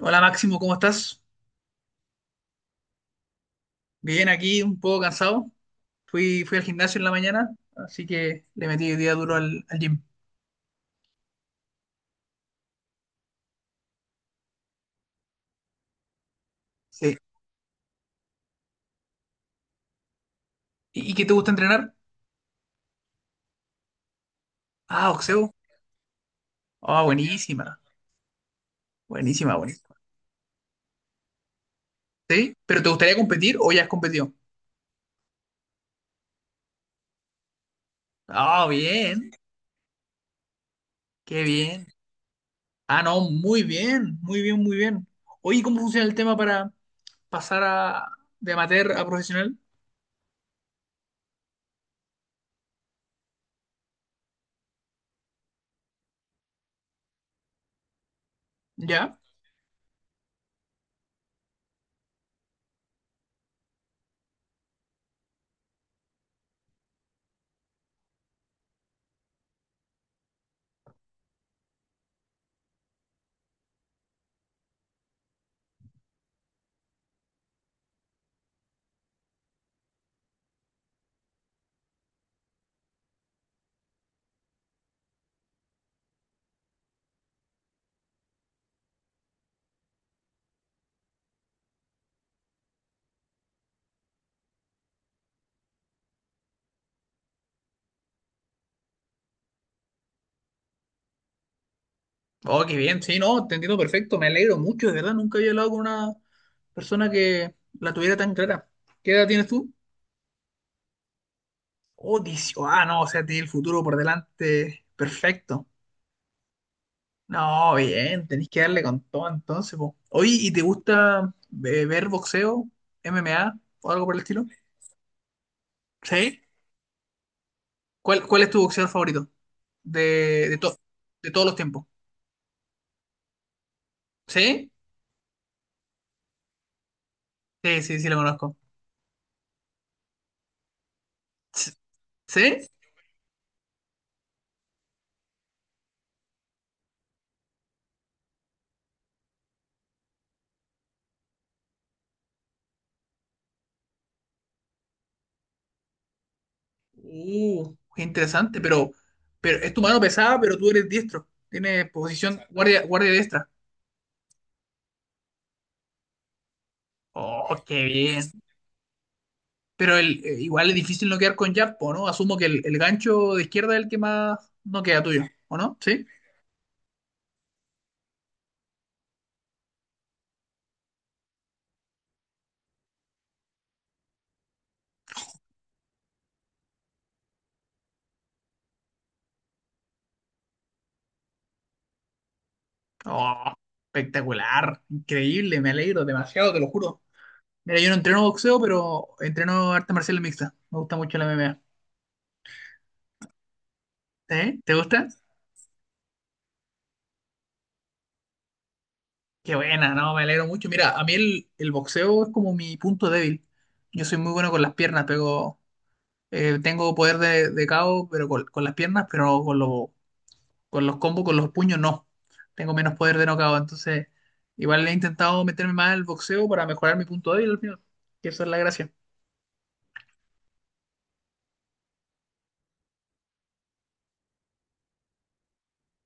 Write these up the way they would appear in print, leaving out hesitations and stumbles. Hola Máximo, ¿cómo estás? Bien, aquí un poco cansado. Fui al gimnasio en la mañana, así que le metí el día duro al gym. Sí. ¿Y qué te gusta entrenar? Ah, boxeo. Ah, buenísima, buenísima, buenísima. ¿Sí? ¿Pero te gustaría competir o ya has competido? Ah, bien, qué bien. Ah, no, muy bien, muy bien, muy bien. Oye, ¿cómo funciona el tema para pasar a, de amateur a profesional? ¿Ya? Oh, qué bien, sí, no, te entiendo perfecto, me alegro mucho, de verdad, nunca había hablado con una persona que la tuviera tan clara. ¿Qué edad tienes tú? Oh, 18. Ah, no, o sea, tiene el futuro por delante. Perfecto. No, bien, tenés que darle con todo entonces, po. Oye, ¿y te gusta ver boxeo, MMA o algo por el estilo? ¿Sí? ¿Cuál es tu boxeador favorito? De, de, to- de todos los tiempos. ¿Sí? Sí, sí, sí, lo conozco. S- ¿Sí? Qué interesante, pero es tu mano pesada, pero tú eres diestro. Tienes posición guardia, guardia diestra. Oh, qué bien. Pero igual es difícil no quedar con Yappo, ¿no? Asumo que el gancho de izquierda es el que más no queda tuyo, ¿o no? ¿Sí? Oh, espectacular, increíble, me alegro demasiado, te lo juro. Mira, yo no entreno boxeo, pero entreno arte marcial mixta. Me gusta mucho la MMA. ¿Eh? ¿Te gusta? Qué buena, no, me alegro mucho. Mira, a mí el boxeo es como mi punto débil. Yo soy muy bueno con las piernas, pero tengo poder de KO, pero con las piernas, pero no con los. Con los combos, con los puños, no. Tengo menos poder de knockout. Entonces, igual he intentado meterme más al boxeo para mejorar mi punto débil al final. Que esa es la gracia.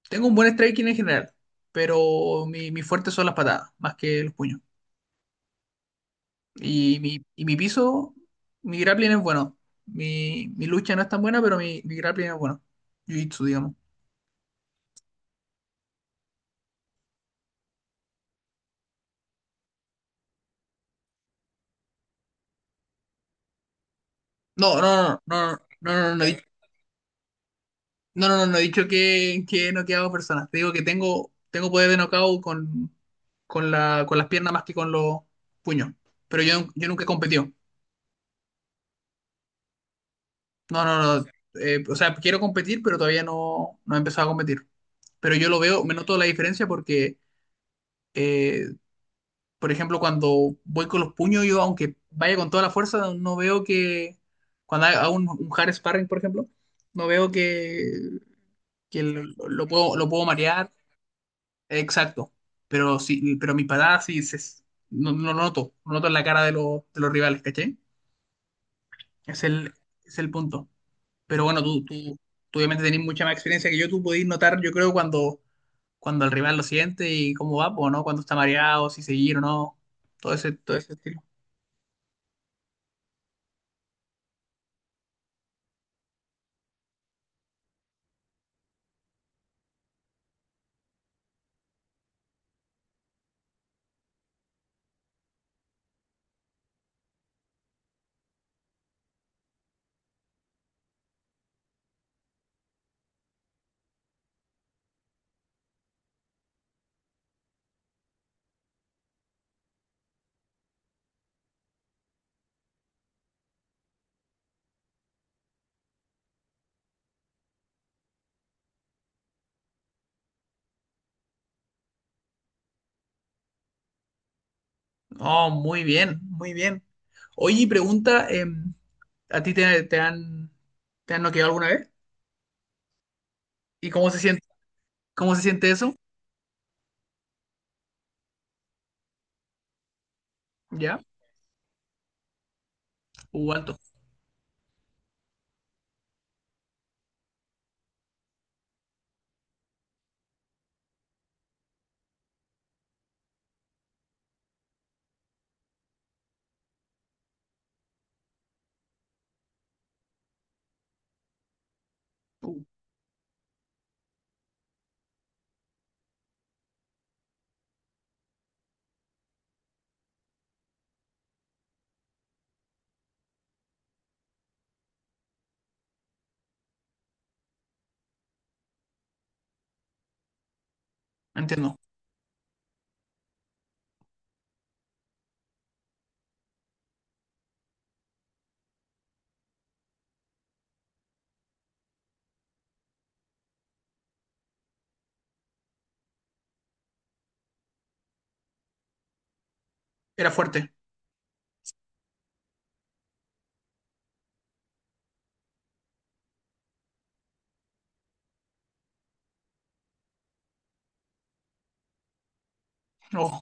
Tengo un buen striking en general, pero mi fuerte son las patadas, más que los puños. Y mi piso, mi grappling es bueno. Mi lucha no es tan buena, pero mi grappling es bueno. Jiu-jitsu, digamos. No, no, no, no, no, no, no, no, no, no, no, no, no he dicho que he noqueado personas. Te digo que tengo, tengo poder de knockout con la, con las piernas más que con los puños. Pero yo nunca he competido. No, no, no. O sea, quiero competir, pero todavía no, no he empezado a competir. Pero yo lo veo, me noto la diferencia porque, eh, por ejemplo, cuando voy con los puños, yo aunque vaya con toda la fuerza, no veo que, cuando hago un hard sparring, por ejemplo, no veo que lo puedo marear. Exacto. Pero sí, pero mi patada sí se, no, no lo noto, no noto en la cara de los rivales, ¿caché? Es el, es el punto. Pero bueno, tú obviamente tenés mucha más experiencia que yo, tú podés notar, yo creo, cuando, cuando el rival lo siente y cómo va, pues, ¿no? Cuando está mareado, si seguir o no, todo ese estilo. Oh, muy bien, muy bien. Oye, y pregunta, ¿a ti te, te han noqueado alguna vez? ¿Y cómo se siente eso? ¿Ya? Alto. Uh, entiendo. Era fuerte. Oh,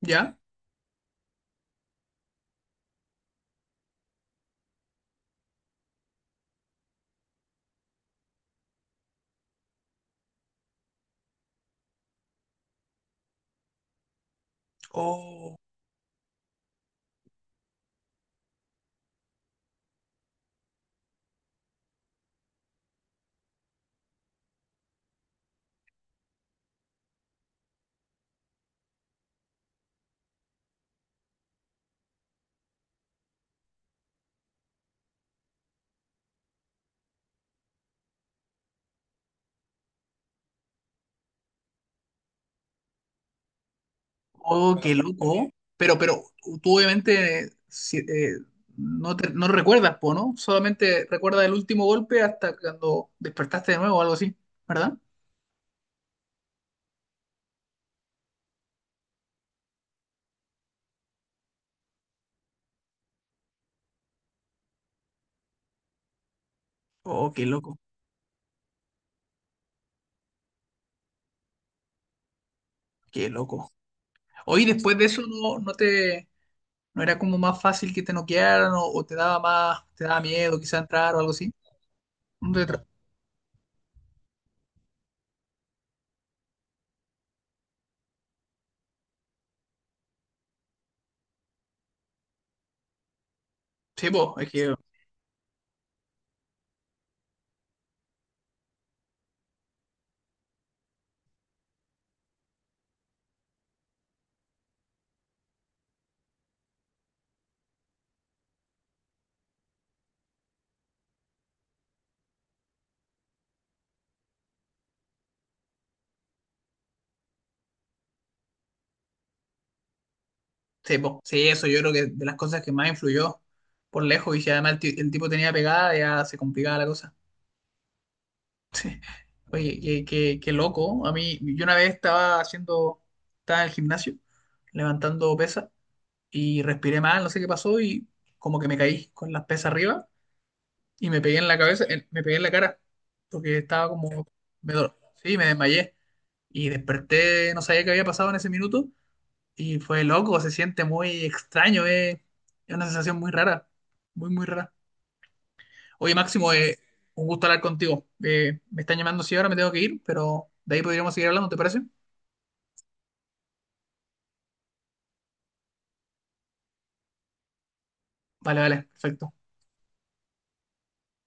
¿ya? Oh, oh, qué loco. Pero tú obviamente no, no recuerdas, po, ¿no? Solamente recuerdas el último golpe hasta cuando despertaste de nuevo o algo así, ¿verdad? Oh, qué loco, qué loco. Oye, después de eso no, no te, no era como más fácil que te noquearan o te daba más, te daba miedo quizá entrar o algo así. No te tra- Sí, po, es que, sí, po, sí, eso yo creo que de las cosas que más influyó por lejos y si además el tipo tenía pegada ya se complicaba la cosa. Sí. Oye, qué, qué loco. A mí, yo una vez estaba haciendo, estaba en el gimnasio, levantando pesas y respiré mal, no sé qué pasó y como que me caí con las pesas arriba y me pegué en la cabeza, me pegué en la cara porque estaba como, me dol- sí, me desmayé y desperté, no sabía qué había pasado en ese minuto y fue loco, se siente muy extraño, es una sensación muy rara, muy, muy rara. Oye, Máximo, un gusto hablar contigo. Me están llamando sí, ahora, me tengo que ir, pero de ahí podríamos seguir hablando, ¿te parece? Vale, vale, perfecto.